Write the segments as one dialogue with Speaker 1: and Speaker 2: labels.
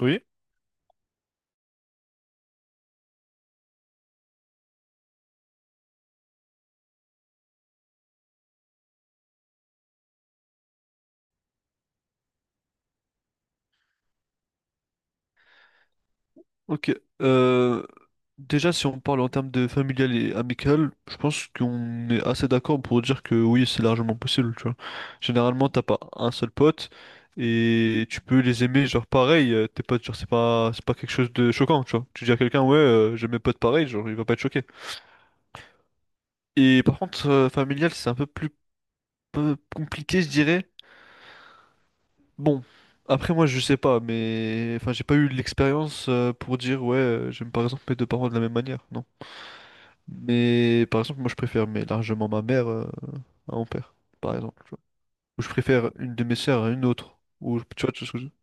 Speaker 1: Oui, ok. Euh, Déjà, si on parle en termes de familial et amical, je pense qu'on est assez d'accord pour dire que oui, c'est largement possible, tu vois. Généralement, t'as pas un seul pote et tu peux les aimer, genre pareil, tes potes, genre c'est pas quelque chose de choquant, tu vois. Tu dis à quelqu'un, ouais, j'aime mes potes pareil, genre il va pas être choqué. Et par contre, familial, c'est un peu plus peu compliqué, je dirais. Bon. Après moi je sais pas mais enfin j'ai pas eu l'expérience pour dire ouais j'aime par exemple mes deux parents de la même manière. Non, mais par exemple, moi je préfère mais largement ma mère à mon père, par exemple. Tu vois. Ou je préfère une de mes sœurs à une autre. Tu vois, tu vois ce que je veux dire.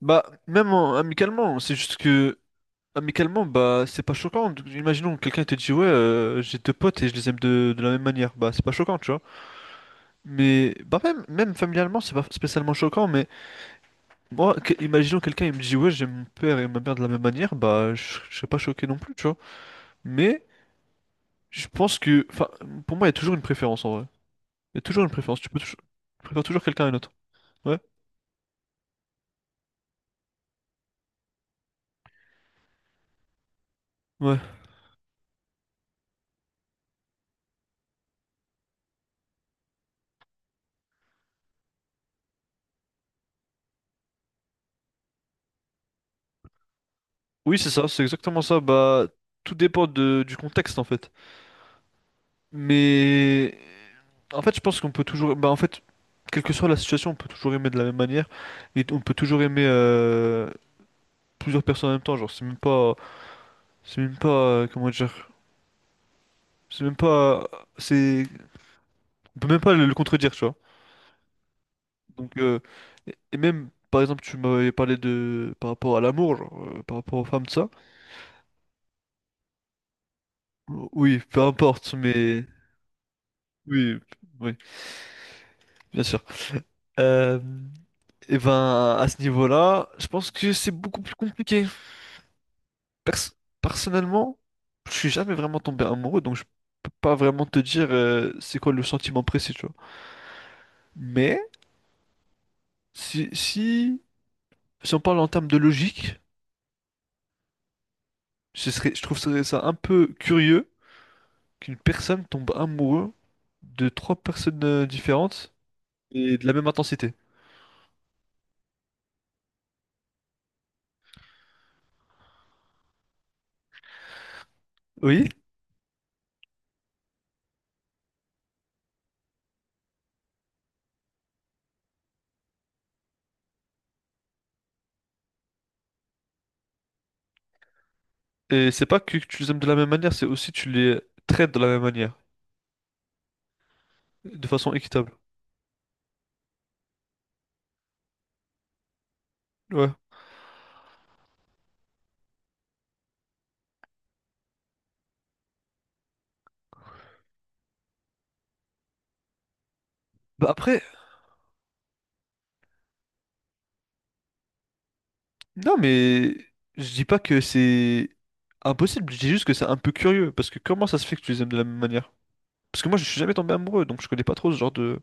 Speaker 1: Bah, amicalement, c'est juste que amicalement, bah, c'est pas choquant. Donc, imaginons que quelqu'un te dit, ouais, j'ai deux potes et je les aime de la même manière. Bah, c'est pas choquant, tu vois. Mais, bah, même familialement, c'est pas spécialement choquant. Mais moi, imaginons quelqu'un, il me dit, ouais, j'aime mon père et ma mère de la même manière. Bah, je serais pas choqué non plus, tu vois. Mais je pense que, enfin, pour moi, il y a toujours une préférence en vrai. Il y a toujours une préférence, tu préfères toujours quelqu'un à une autre. Ouais, ouais. Oui, c'est ça, c'est exactement ça. Bah, tout dépend du contexte en fait. Mais en fait, je pense qu'on peut toujours. Bah, en fait, quelle que soit la situation, on peut toujours aimer de la même manière et on peut toujours aimer plusieurs personnes en même temps. Genre, c'est même pas. C'est même pas. Comment dire? C'est même pas. C'est. On peut même pas le contredire, tu vois. Donc, et même. Par exemple, tu m'avais parlé de par rapport à l'amour, genre, par rapport aux femmes, de ça. Oui, peu importe, mais oui, oui, bien sûr. Euh, et ben, à ce niveau-là, je pense que c'est beaucoup plus compliqué. Pers- Personnellement, je suis jamais vraiment tombé amoureux, donc je peux pas vraiment te dire c'est quoi le sentiment précis, tu vois. Mais si, si, si on parle en termes de logique, ce serait, je trouve ça un peu curieux qu'une personne tombe amoureux de trois personnes différentes et de la même intensité. Oui, et c'est pas que tu les aimes de la même manière, c'est aussi tu les traites de la même manière. De façon équitable. Ouais. Bah après, non mais je dis pas que c'est impossible, je dis juste que c'est un peu curieux, parce que comment ça se fait que tu les aimes de la même manière? Parce que moi je suis jamais tombé amoureux, donc je connais pas trop ce genre de...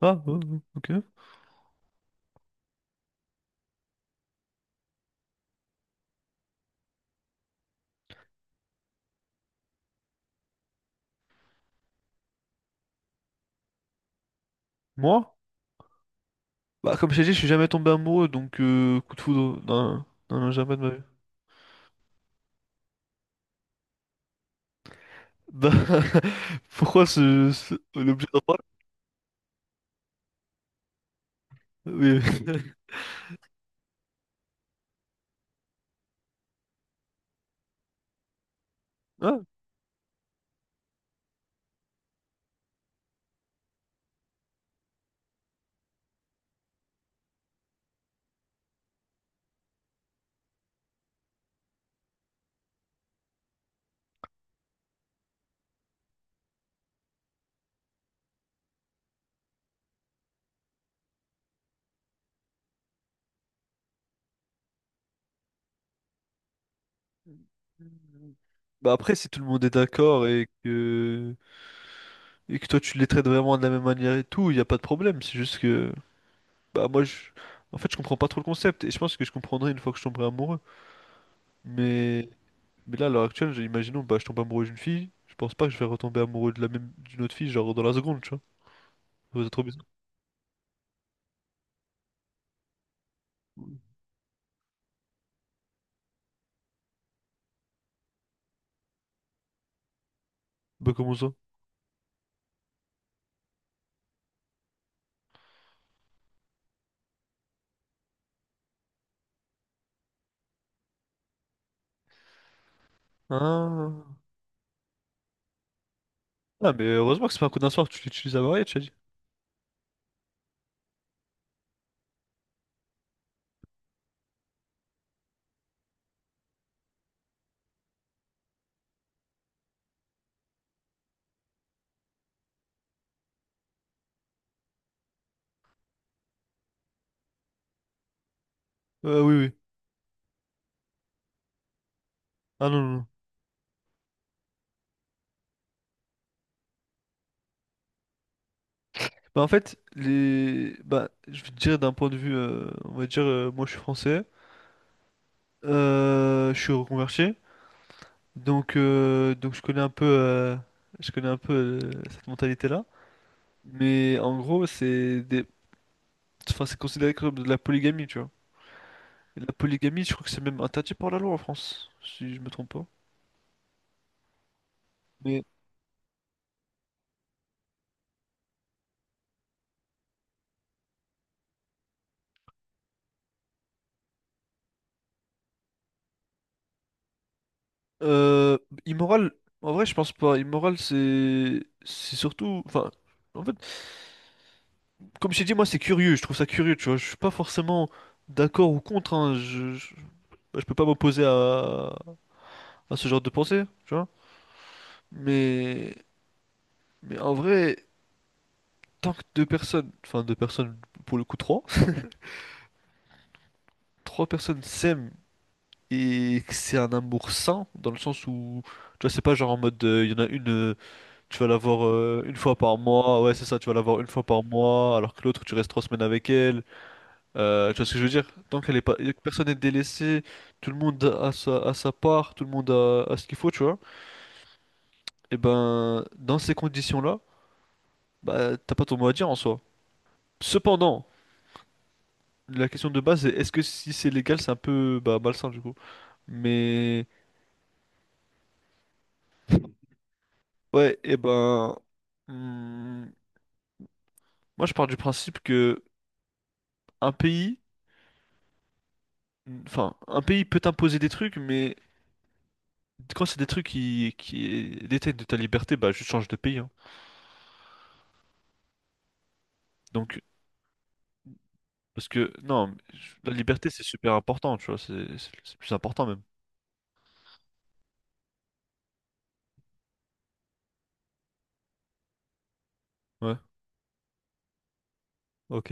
Speaker 1: Ah, ouais, ouais, ok. Moi? Bah comme je t'ai dit, je suis jamais tombé amoureux, donc coup de foudre, non, non, non, jamais de ma vie. Bah, pourquoi l'objet d'en parler? Oui. Ah, bah après, si tout le monde est d'accord et que toi tu les traites vraiment de la même manière et tout, il n'y a pas de problème. C'est juste que, bah moi, je... en fait, je comprends pas trop le concept et je pense que je comprendrai une fois que je tomberai amoureux. Mais, mais là, à l'heure actuelle, imaginons, bah je tombe amoureux d'une fille, je pense pas que je vais retomber amoureux de la même d'une autre fille, genre dans la seconde, tu vois. Ça va être trop bizarre. Bah comment ça? Ah. Ah, mais heureusement que c'est pas un coup d'un soir, tu l'utilises à marier, tu as dit. Oui, oui. Ah non, non, non. Bah en fait, les... Bah, je vais te dire d'un point de vue, on va dire, moi je suis français, je suis reconverti. Donc je connais un peu, euh, cette mentalité-là. Mais en gros, c'est des... enfin, c'est considéré comme de la polygamie, tu vois. Et la polygamie, je crois que c'est même interdit par la loi en France, si je me trompe pas. Mais euh, immoral, en vrai, je pense pas. Immoral, c'est surtout, enfin, en fait, comme je t'ai dit, moi, c'est curieux. Je trouve ça curieux, tu vois. Je suis pas forcément d'accord ou contre. Hein. Je peux pas m'opposer à ce genre de pensée, tu vois. Mais mais en vrai. Tant que deux personnes, enfin deux personnes pour le coup trois, trois personnes s'aiment et que c'est un amour sain dans le sens où tu vois c'est pas genre en mode il y en a une tu vas la voir une fois par mois, ah ouais c'est ça, tu vas la voir une fois par mois alors que l'autre tu restes trois semaines avec elle. Tu vois ce que je veux dire, tant qu'elle est pas, que personne n'est délaissé, tout le monde a a sa part, tout le monde a ce qu'il faut, tu vois, et ben dans ces conditions là, bah t'as pas ton mot à dire en soi, cependant la question de base est, est-ce que si c'est légal c'est un peu bah, malsain du coup. Mais ouais, et ben, hmm, moi je pars du principe que un pays, enfin, un pays peut t'imposer des trucs, mais quand c'est des trucs qui détiennent de ta liberté, bah je change de pays. Hein. Donc, parce que non, la liberté c'est super important, tu vois, c'est plus important même. Ouais, ok,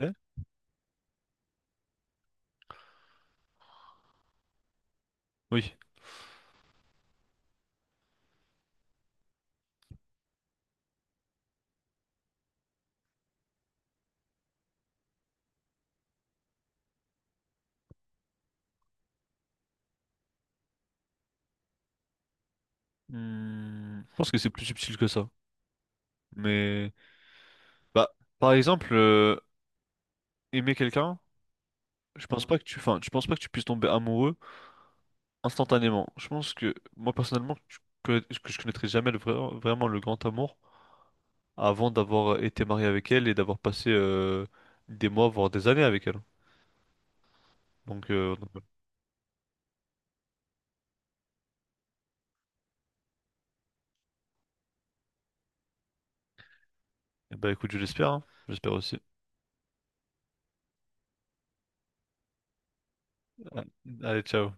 Speaker 1: oui. Hmm, je pense que c'est plus subtil que ça. Mais bah, par exemple, aimer quelqu'un, je pense pas que tu, enfin, je pense pas que tu puisses tomber amoureux. Instantanément. Je pense que moi personnellement, que je connaîtrais jamais vraiment le grand amour avant d'avoir été marié avec elle et d'avoir passé des mois, voire des années avec elle. Donc, eh ben, écoute, je l'espère, hein. J'espère aussi. Ah, allez, ciao.